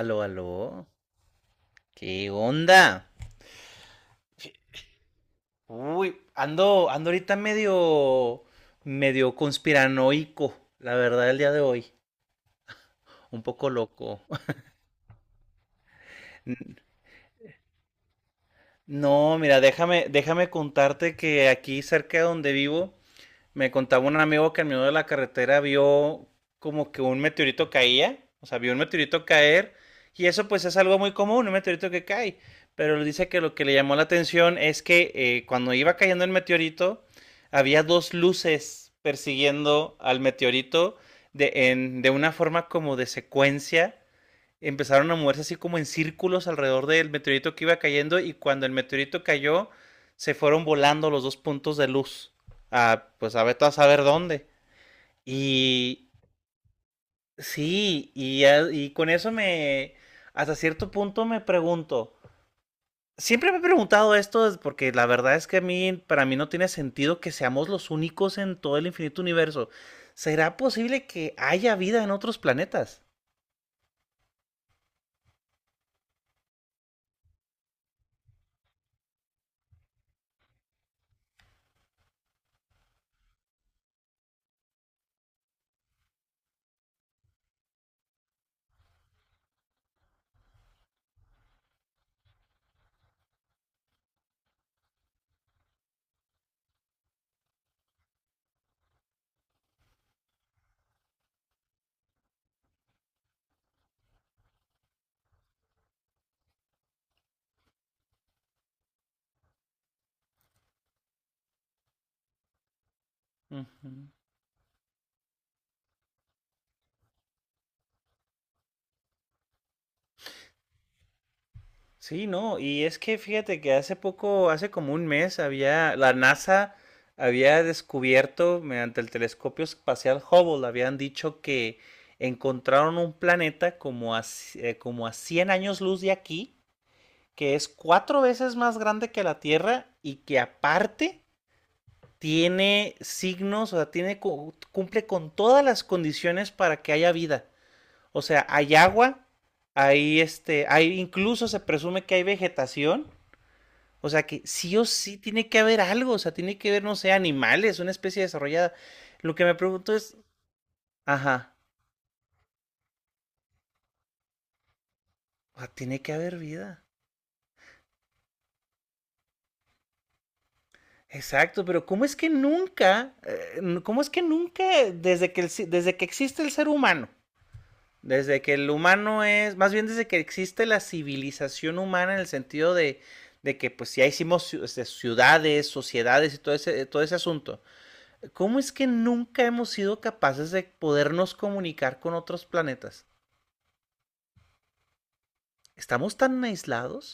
Aló, aló. ¿Qué onda? Uy, ando ahorita medio conspiranoico, la verdad, el día de hoy. Un poco loco. No, mira, déjame contarte que aquí cerca de donde vivo. Me contaba un amigo que en medio de la carretera vio como que un meteorito caía, o sea, vio un meteorito caer, y eso pues es algo muy común, un meteorito que cae, pero él dice que lo que le llamó la atención es que cuando iba cayendo el meteorito, había dos luces persiguiendo al meteorito de, en, de una forma como de secuencia. Empezaron a moverse así como en círculos alrededor del meteorito que iba cayendo, y cuando el meteorito cayó se fueron volando los dos puntos de luz a, pues a ver a saber dónde. Y sí, y con eso me, hasta cierto punto me pregunto, siempre me he preguntado esto porque la verdad es que a mí, para mí no tiene sentido que seamos los únicos en todo el infinito universo. ¿Será posible que haya vida en otros planetas? Uh -huh. Sí, no, y es que fíjate que hace poco, hace como un mes, había, la NASA había descubierto mediante el telescopio espacial Hubble, habían dicho que encontraron un planeta como a, como a 100 años luz de aquí, que es cuatro veces más grande que la Tierra y que aparte tiene signos, o sea, tiene, cumple con todas las condiciones para que haya vida. O sea, hay agua, hay hay, incluso se presume que hay vegetación, o sea que sí o sí tiene que haber algo, o sea, tiene que haber, no sé, animales, una especie desarrollada. Lo que me pregunto es, ajá, o sea, tiene que haber vida. Exacto, pero ¿cómo es que nunca, cómo es que nunca, desde que existe el ser humano, desde que el humano es, más bien desde que existe la civilización humana en el sentido de que pues ya hicimos ciudades, sociedades y todo ese asunto, ¿cómo es que nunca hemos sido capaces de podernos comunicar con otros planetas? ¿Estamos tan aislados?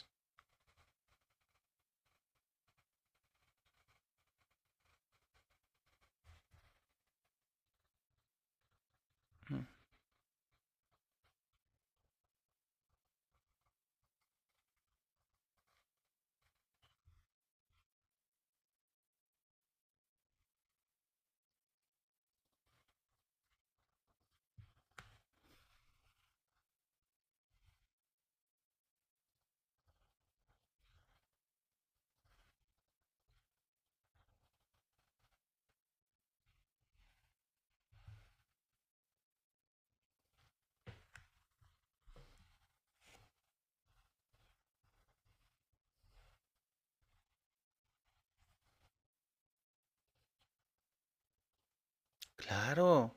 Claro.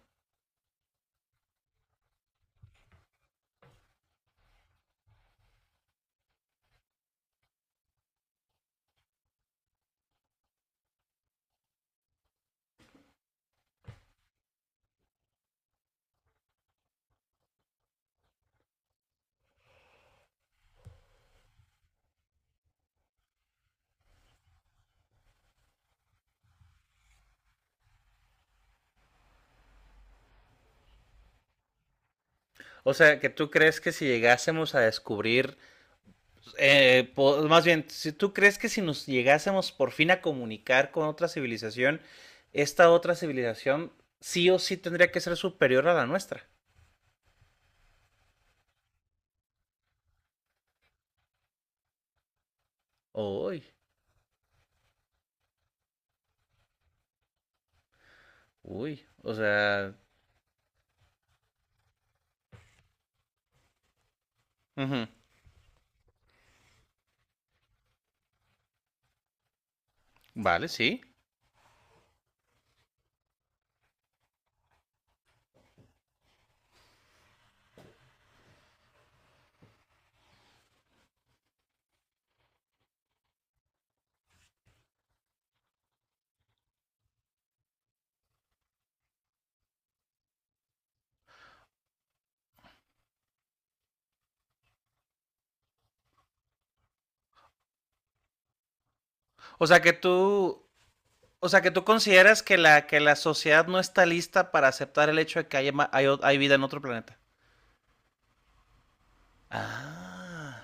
O sea, ¿que tú crees que si llegásemos a descubrir, más bien, si tú crees que si nos llegásemos por fin a comunicar con otra civilización, esta otra civilización sí o sí tendría que ser superior a la nuestra? Uy, uy, o sea, ujú, vale, sí. O sea que tú, o sea que tú consideras que la sociedad no está lista para aceptar el hecho de que haya hay, hay vida en otro planeta. Ah.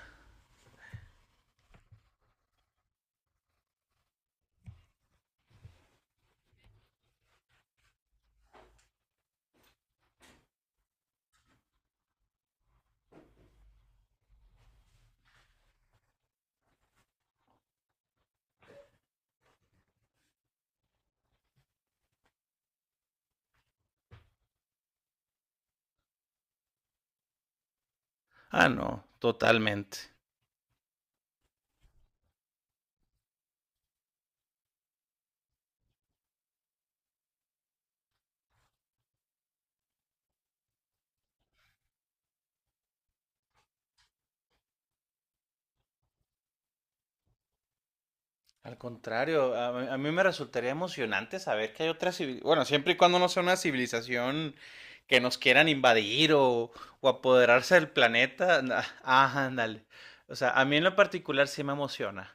Ah, no, totalmente. Al contrario, a mí me resultaría emocionante saber que hay otra civilización. Bueno, siempre y cuando no sea una civilización que nos quieran invadir o apoderarse del planeta. Ah, ándale. O sea, a mí en lo particular sí me emociona.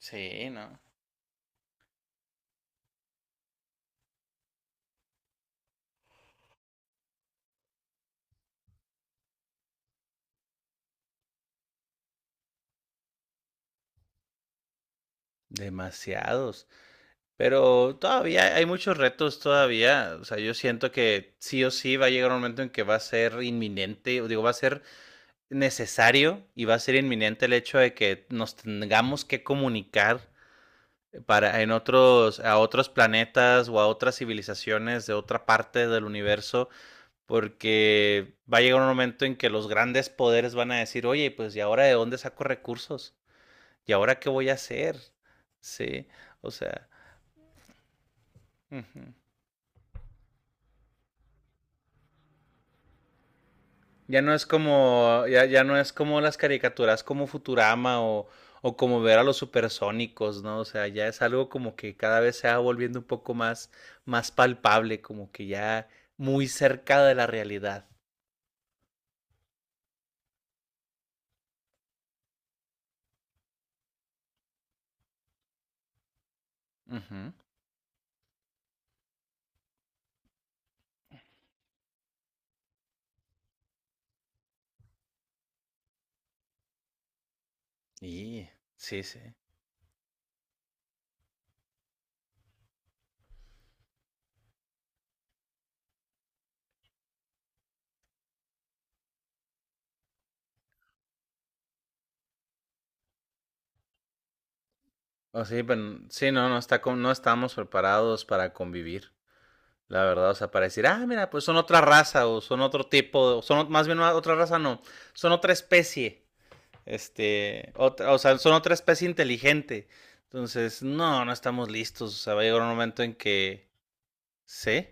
Sí, ¿no? Demasiados. Pero todavía hay muchos retos todavía. O sea, yo siento que sí o sí va a llegar un momento en que va a ser inminente, o digo, va a ser necesario y va a ser inminente el hecho de que nos tengamos que comunicar para en otros, a otros planetas o a otras civilizaciones de otra parte del universo, porque va a llegar un momento en que los grandes poderes van a decir: "Oye, pues ¿y ahora de dónde saco recursos? ¿Y ahora qué voy a hacer?". Sí, o sea, uh -huh. Ya no es como, ya no es como las caricaturas como Futurama o como ver a los supersónicos, ¿no? O sea, ya es algo como que cada vez se va volviendo un poco más, más palpable, como que ya muy cerca de la realidad. Ujú. Y sí, sí. O sí, pero sí, no, no estamos preparados para convivir. La verdad, o sea, para decir, ah, mira, pues son otra raza, o son otro tipo, o son más bien no, otra raza, no, son otra especie. Este, otra, o sea, son otra especie inteligente. Entonces, no, no estamos listos. O sea, va a llegar un momento en que. ¿Sí?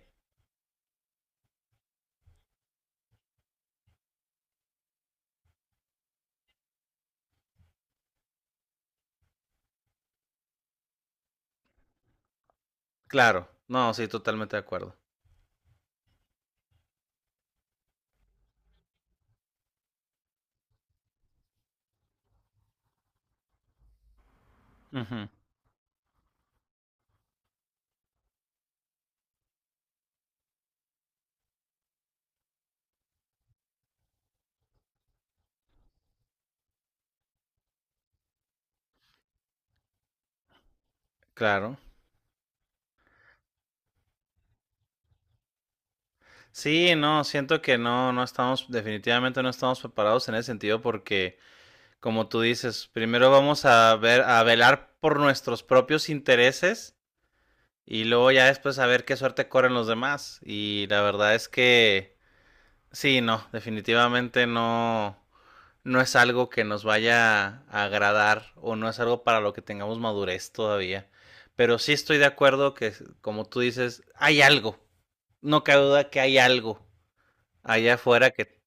Claro. No, sí, totalmente de acuerdo. Ujú, claro. Sí, no, siento que no, no estamos, definitivamente no estamos preparados en ese sentido porque, como tú dices, primero vamos a ver, a velar por nuestros propios intereses y luego ya después a ver qué suerte corren los demás. Y la verdad es que, sí, no, definitivamente no, no es algo que nos vaya a agradar, o no es algo para lo que tengamos madurez todavía. Pero sí estoy de acuerdo que, como tú dices, hay algo. No cabe duda que hay algo allá afuera que...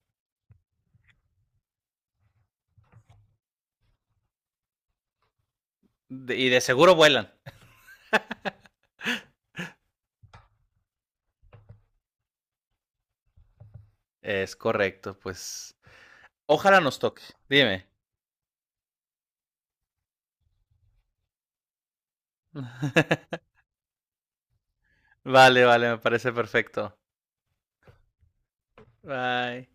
y de seguro vuelan. Es correcto, pues... Ojalá nos toque. Dime. Vale, vale, me parece perfecto. Bye.